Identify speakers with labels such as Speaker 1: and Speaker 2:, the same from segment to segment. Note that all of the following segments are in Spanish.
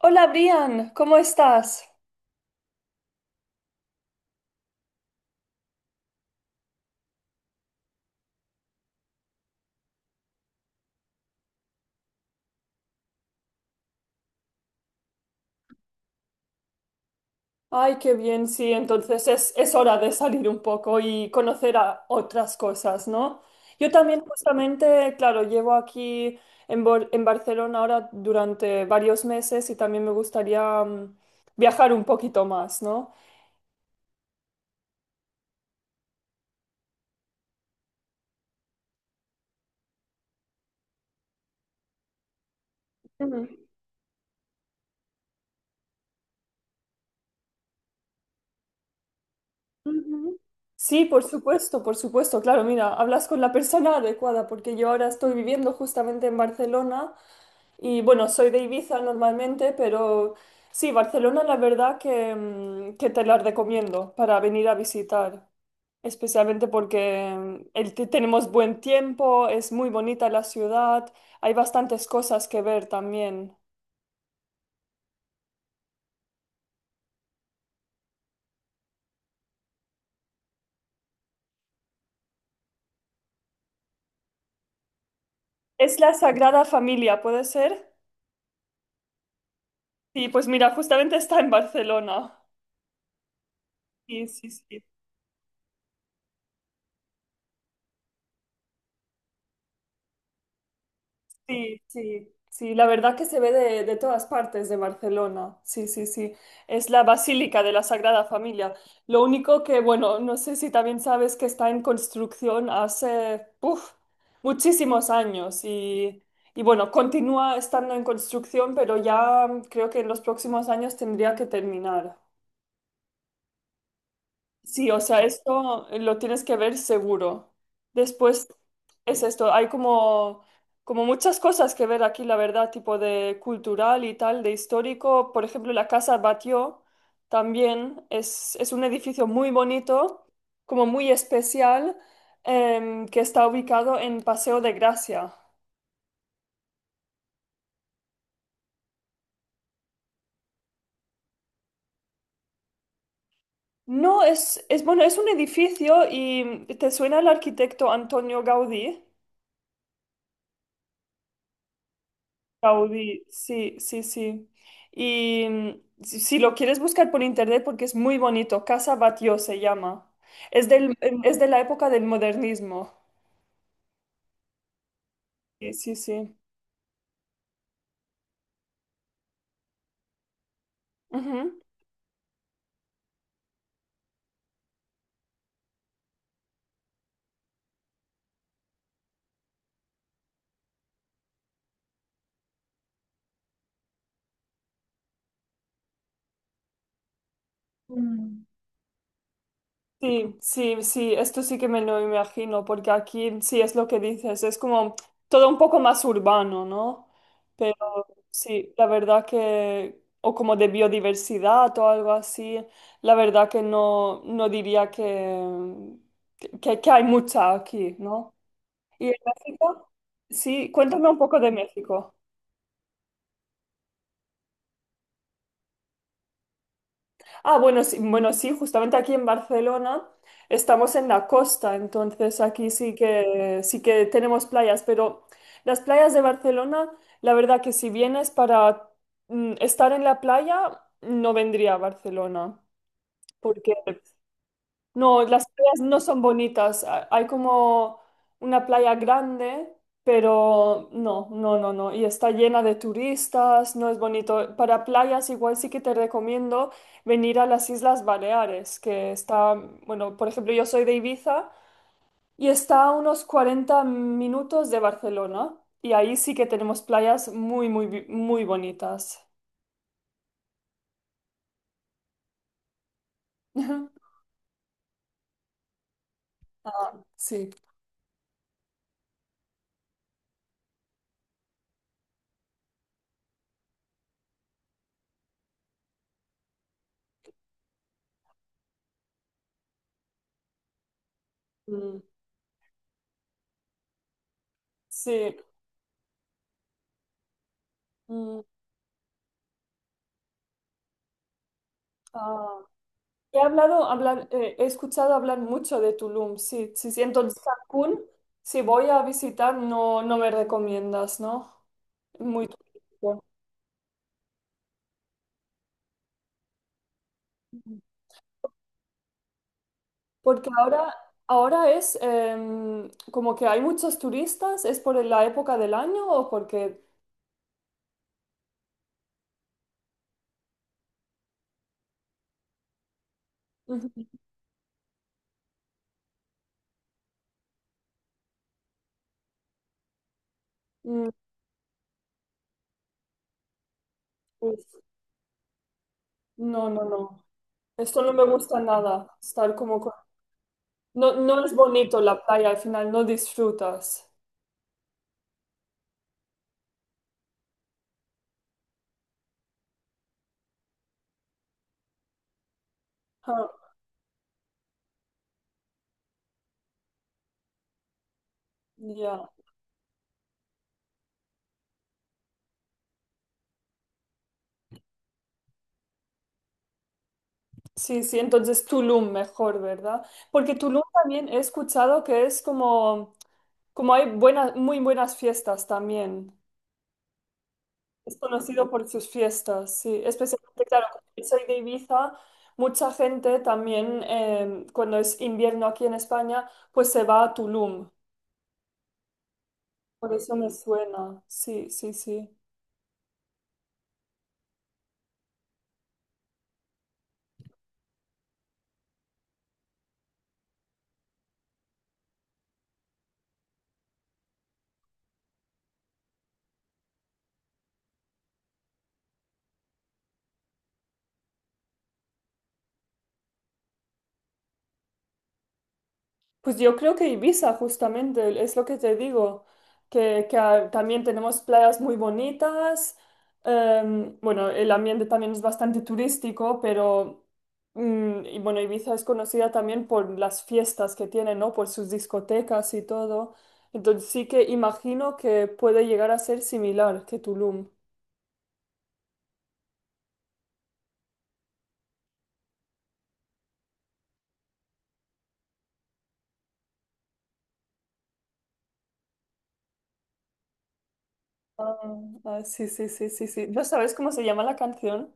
Speaker 1: Hola Brian, ¿cómo estás? Ay, qué bien, sí, entonces es hora de salir un poco y conocer a otras cosas, ¿no? Yo también justamente, claro, llevo aquí en Barcelona ahora durante varios meses y también me gustaría viajar un poquito más, ¿no? Mm, ujú. Sí, por supuesto, claro, mira, hablas con la persona adecuada porque yo ahora estoy viviendo justamente en Barcelona. Y bueno, soy de Ibiza normalmente, pero sí, Barcelona la verdad que que te la recomiendo para venir a visitar, especialmente porque tenemos buen tiempo, es muy bonita la ciudad, hay bastantes cosas que ver también. Es la Sagrada Familia, ¿puede ser? Sí, pues mira, justamente está en Barcelona. Sí, sí, sí. Sí, sí, sí, la verdad que se ve de todas partes de Barcelona. Sí, sí, sí. Es la Basílica de la Sagrada Familia. Lo único que, bueno, no sé si también sabes que está en construcción hace, uf, muchísimos años y bueno, continúa estando en construcción, pero ya creo que en los próximos años tendría que terminar. Sí, o sea, esto lo tienes que ver seguro. Después es esto, hay como muchas cosas que ver aquí, la verdad, tipo de cultural y tal, de histórico. Por ejemplo, la Casa Batlló también es un edificio muy bonito, como muy especial, que está ubicado en Paseo de Gracia. No, es bueno, es un edificio y ¿te suena el arquitecto Antonio Gaudí? Gaudí, sí, sí, sí. Y si lo quieres buscar por internet, porque es muy bonito, Casa Batlló se llama. Es es de la época del modernismo. Sí, sí, sí. Ujú. Mm. Sí, sí, sí, esto sí que me lo imagino, porque aquí sí es lo que dices, es como todo un poco más urbano, ¿no? Sí, la verdad que, o como de biodiversidad o algo así, la verdad que no, no diría que hay mucha aquí, ¿no? ¿Y en México? Sí, cuéntame un poco de México. Ah, bueno, sí, bueno, sí, justamente aquí en Barcelona estamos en la costa, entonces aquí sí que tenemos playas, pero las playas de Barcelona, la verdad que si vienes para estar en la playa, no vendría a Barcelona. Porque no, las playas no son bonitas. Hay como una playa grande, pero no. Y está llena de turistas, no es bonito. Para playas igual sí que te recomiendo venir a las Islas Baleares, que está, bueno, por ejemplo, yo soy de Ibiza y está a unos 40 minutos de Barcelona. Y ahí sí que tenemos playas muy bonitas. Sí. Mm. Sí. Mm, ah. He escuchado hablar mucho de Tulum, sí, sí, sí. Entonces, Cancún, si voy a visitar, no me recomiendas, ¿no? Muy turístico. Porque ahora, Ahora es como que hay muchos turistas, ¿es por la época del año o porque... Ujú. Mm, pues, no, no, no. Esto no me gusta nada, estar como... No, no es bonito la playa, al final no disfrutas. Ah, ya. Sí, sí, entonces Tulum mejor, ¿verdad? Porque Tulum también he escuchado que es como, como hay muy buenas fiestas también. Es conocido por sus fiestas, sí. Especialmente, claro, como yo soy de Ibiza, mucha gente también, cuando es invierno aquí en España, pues se va a Tulum. Por eso me suena, sí, sí, sí. Pues yo creo que Ibiza, justamente, es lo que te digo, que también tenemos playas muy bonitas, bueno, el ambiente también es bastante turístico, pero, y bueno, Ibiza es conocida también por las fiestas que tiene, ¿no? Por sus discotecas y todo. Entonces sí que imagino que puede llegar a ser similar que Tulum. Ah, ah, sí, sí, sí, sí, sí. ¿No sabes cómo se llama la canción?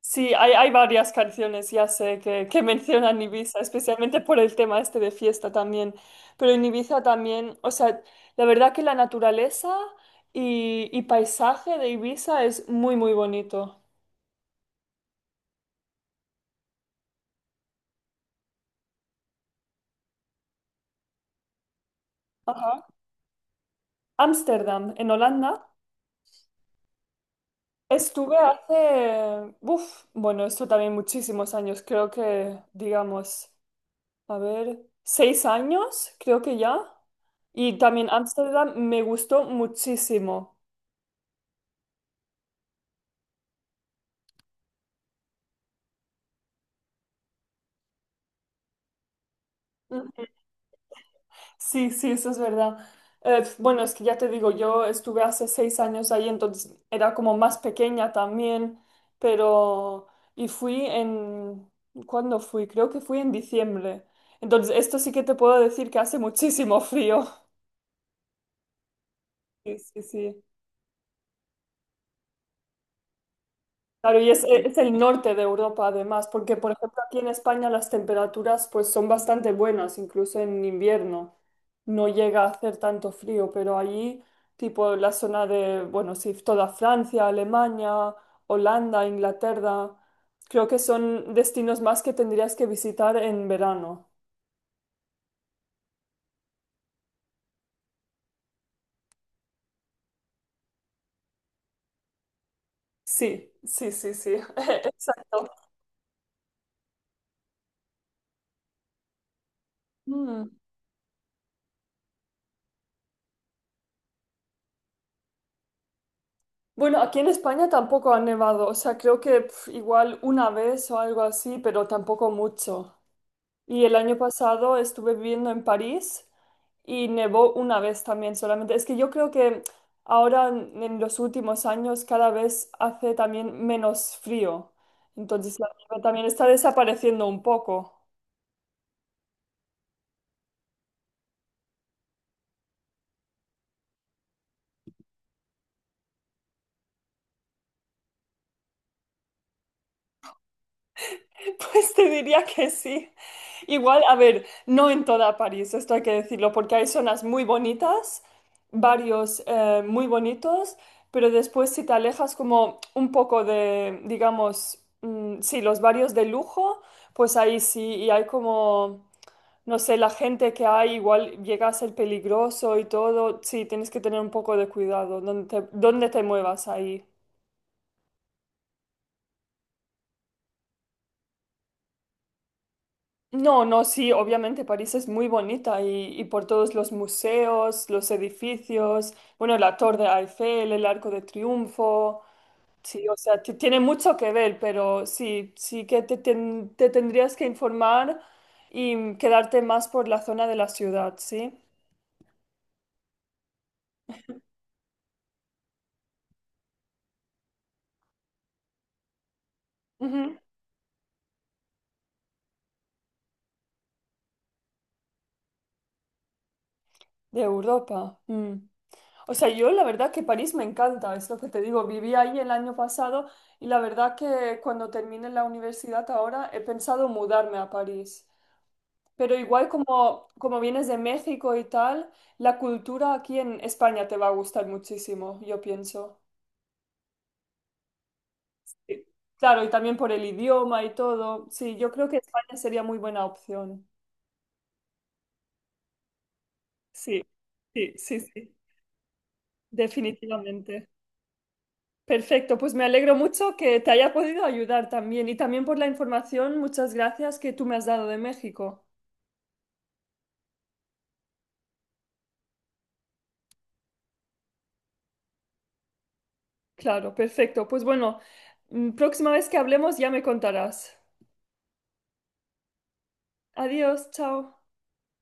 Speaker 1: Sí, hay varias canciones, ya sé, que mencionan Ibiza, especialmente por el tema este de fiesta también. Pero en Ibiza también, o sea, la verdad que la naturaleza y paisaje de Ibiza es muy, muy bonito. Ajá. Ámsterdam, en Holanda, estuve hace, uf, bueno, esto también muchísimos años, creo que, digamos, a ver, 6 años, creo que ya. Y también Ámsterdam me gustó muchísimo. Sí, sí, eso es verdad. Bueno, es que ya te digo, yo estuve hace 6 años ahí, entonces era como más pequeña también, pero... Y fui en... ¿Cuándo fui? Creo que fui en diciembre. Entonces, esto sí que te puedo decir que hace muchísimo frío. Sí, sí, sí. Claro, y es el norte de Europa además, porque por ejemplo aquí en España las temperaturas pues son bastante buenas, incluso en invierno no llega a hacer tanto frío, pero allí tipo la zona de, bueno, sí, toda Francia, Alemania, Holanda, Inglaterra, creo que son destinos más que tendrías que visitar en verano. Sí, sí, sí, sí, exacto. Mm. Bueno, aquí en España tampoco ha nevado, o sea, creo que pf, igual una vez o algo así, pero tampoco mucho. Y el año pasado estuve viviendo en París y nevó una vez también solamente. Es que yo creo que ahora en los últimos años cada vez hace también menos frío. Entonces la nieve también está desapareciendo un poco. Pues te diría que sí. Igual, a ver, no en toda París, esto hay que decirlo, porque hay zonas muy bonitas, varios muy bonitos, pero después si te alejas como un poco de, digamos, sí, los barrios de lujo, pues ahí sí, y hay como, no sé, la gente que hay, igual llega a ser peligroso y todo, sí, tienes que tener un poco de cuidado donde dónde te muevas ahí. No, no, sí, obviamente París es muy bonita y por todos los museos, los edificios, bueno, la Torre Eiffel, el Arco de Triunfo, sí, o sea, tiene mucho que ver, pero sí, sí que te tendrías que informar y quedarte más por la zona de la ciudad, ¿sí? Ujú. De Europa. Mm. O sea, yo la verdad que París me encanta, es lo que te digo, viví ahí el año pasado y la verdad que cuando termine la universidad ahora he pensado mudarme a París. Pero igual como vienes de México y tal, la cultura aquí en España te va a gustar muchísimo, yo pienso. Y- Claro, y también por el idioma y todo. Sí, yo creo que España sería muy buena opción. Sí, sí, sí, sí, definitivamente. Perfecto, pues me alegro mucho que te haya podido ayudar también y también por la información, muchas gracias que tú me has dado de México. Claro, perfecto. Pues bueno, próxima vez que hablemos ya me contarás. Adiós, chao.